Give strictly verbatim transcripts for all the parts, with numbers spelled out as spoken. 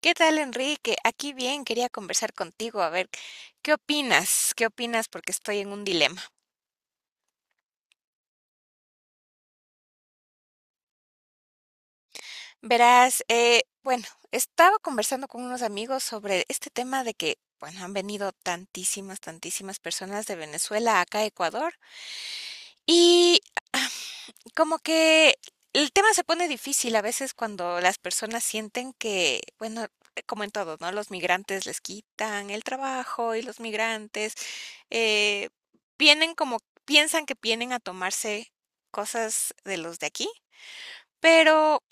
¿Qué tal, Enrique? Aquí bien, quería conversar contigo, a ver, ¿qué opinas? ¿Qué opinas? Porque estoy en un dilema. Verás, eh, bueno, estaba conversando con unos amigos sobre este tema de que, bueno, han venido tantísimas, tantísimas personas de Venezuela acá a Ecuador y ah, como que el tema se pone difícil a veces cuando las personas sienten que, bueno, como en todo, ¿no? Los migrantes les quitan el trabajo y los migrantes eh, vienen como, piensan que vienen a tomarse cosas de los de aquí, pero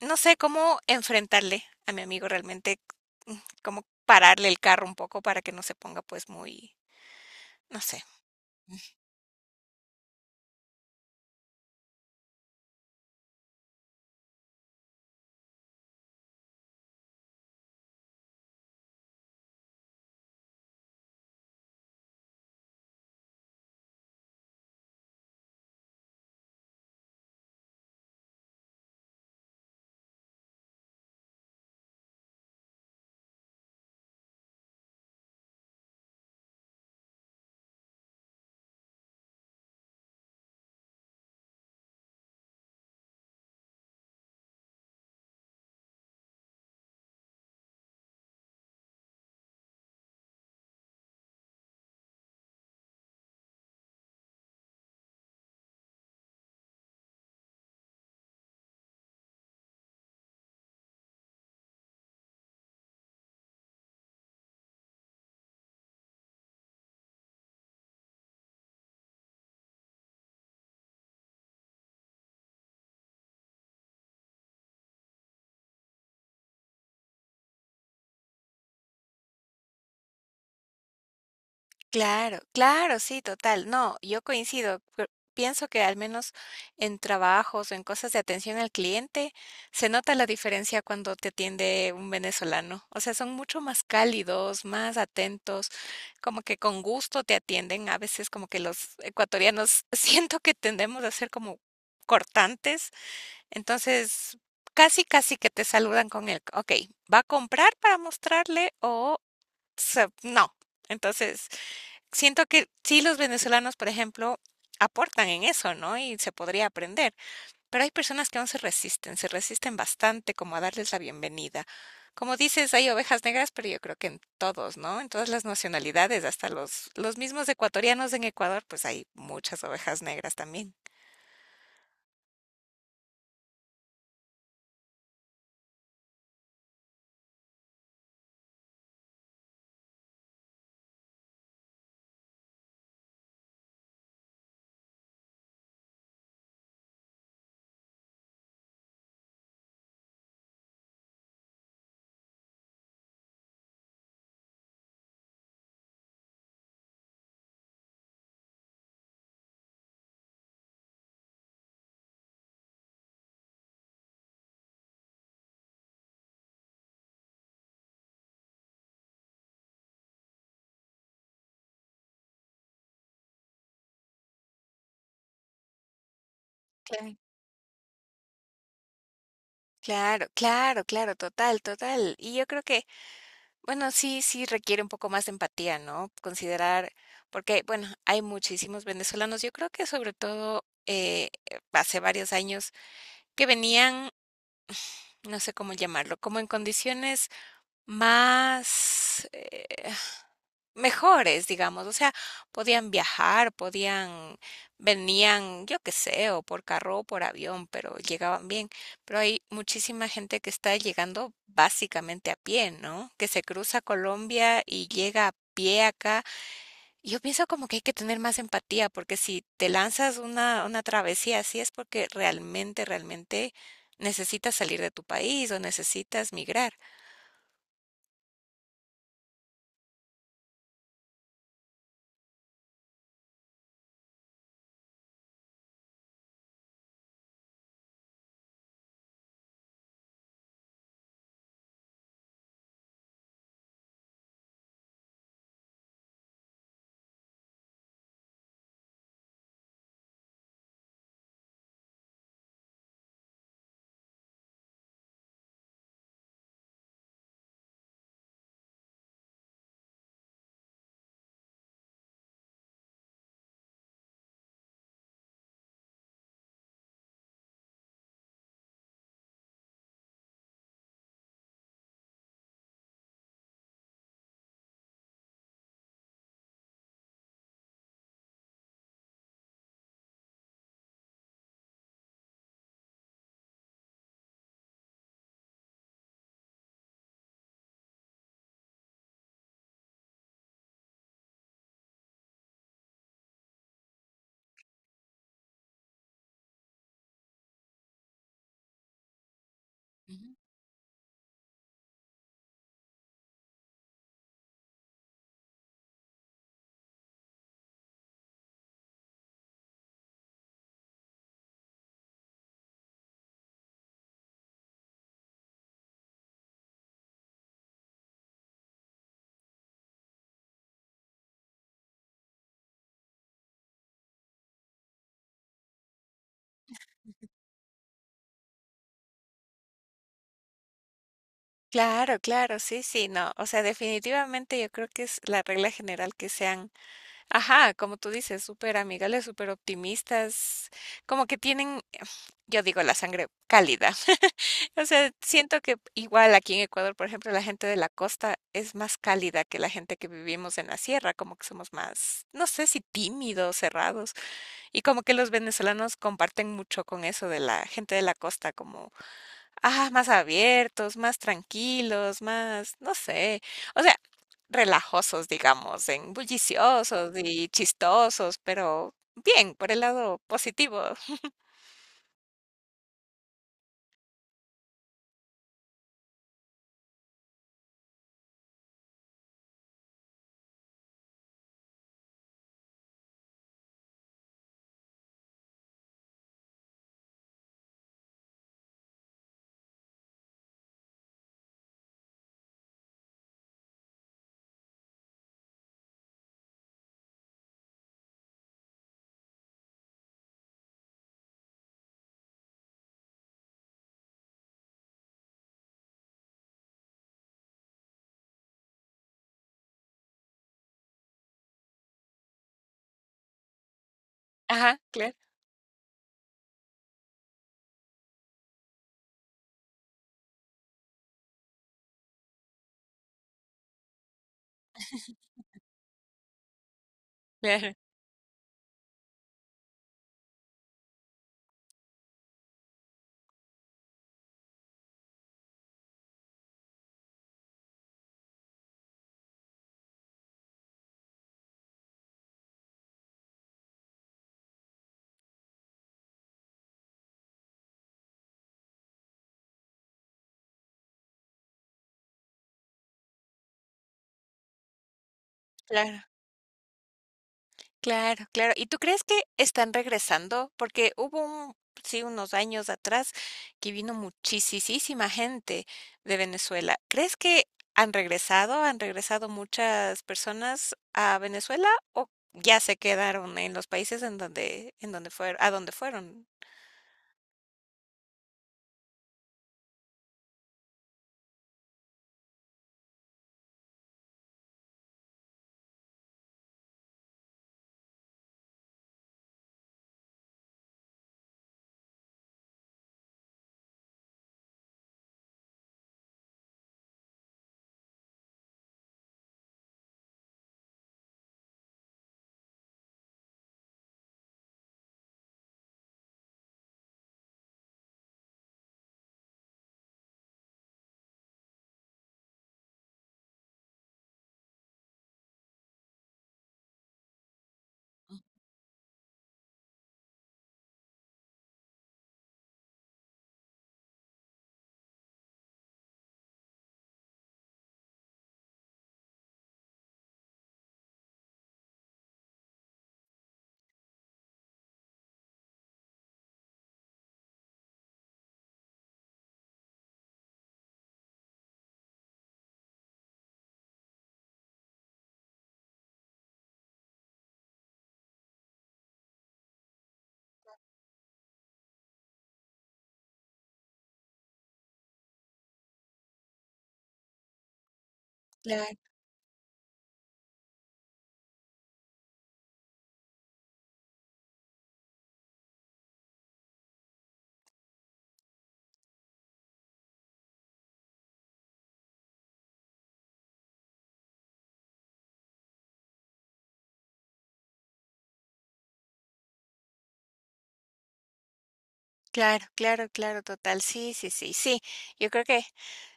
no sé cómo enfrentarle a mi amigo realmente, mm, cómo pararle el carro un poco para que no se ponga pues muy, no sé. Claro, claro, sí, total. No, yo coincido. pe- Pienso que al menos en trabajos o en cosas de atención al cliente se nota la diferencia cuando te atiende un venezolano. O sea, son mucho más cálidos, más atentos, como que con gusto te atienden. A veces como que los ecuatorianos siento que tendemos a ser como cortantes. Entonces, casi, casi que te saludan con el, ok, ¿va a comprar para mostrarle o se- no? Entonces, siento que sí los venezolanos, por ejemplo, aportan en eso, ¿no? Y se podría aprender, pero hay personas que aún se resisten, se resisten bastante como a darles la bienvenida. Como dices, hay ovejas negras, pero yo creo que en todos, ¿no? En todas las nacionalidades, hasta los, los mismos ecuatorianos en Ecuador, pues hay muchas ovejas negras también. Claro, claro, claro, claro, total, total. Y yo creo que bueno, sí, sí requiere un poco más de empatía, ¿no? Considerar, porque, bueno, hay muchísimos venezolanos. Yo creo que sobre todo eh, hace varios años que venían, no sé cómo llamarlo, como en condiciones más, eh, mejores, digamos, o sea, podían viajar, podían, venían, yo qué sé, o por carro o por avión, pero llegaban bien. Pero hay muchísima gente que está llegando básicamente a pie, ¿no? Que se cruza Colombia y llega a pie acá. Y yo pienso como que hay que tener más empatía, porque si te lanzas una, una travesía así es porque realmente, realmente necesitas salir de tu país o necesitas migrar. Claro, claro, sí, sí, no, o sea, definitivamente yo creo que es la regla general que sean, ajá, como tú dices, súper amigables, súper optimistas, como que tienen, yo digo, la sangre cálida. O sea, siento que igual aquí en Ecuador, por ejemplo, la gente de la costa es más cálida que la gente que vivimos en la sierra, como que somos más, no sé si tímidos, cerrados, y como que los venezolanos comparten mucho con eso de la gente de la costa, como ajá, más abiertos, más tranquilos, más, no sé, o sea, relajosos, digamos, en bulliciosos y chistosos, pero bien, por el lado positivo. Ajá, claro, claro, claro. Claro, claro. ¿Y tú crees que están regresando? Porque hubo un, sí, unos años atrás que vino muchisisísima gente de Venezuela. ¿Crees que han regresado? ¿Han regresado muchas personas a Venezuela o ya se quedaron en los países en donde, en donde fueron, a donde fueron? Claro, claro, claro, total. Sí, sí, sí, sí. Yo creo que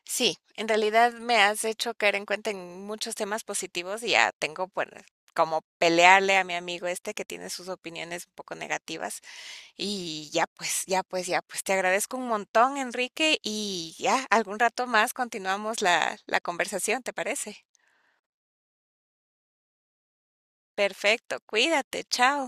sí, en realidad me has hecho caer en cuenta en muchos temas positivos y ya tengo pues como pelearle a mi amigo este que tiene sus opiniones un poco negativas y ya pues, ya pues, ya pues te agradezco un montón, Enrique, y ya algún rato más continuamos la la conversación, ¿te parece? Perfecto, cuídate, chao.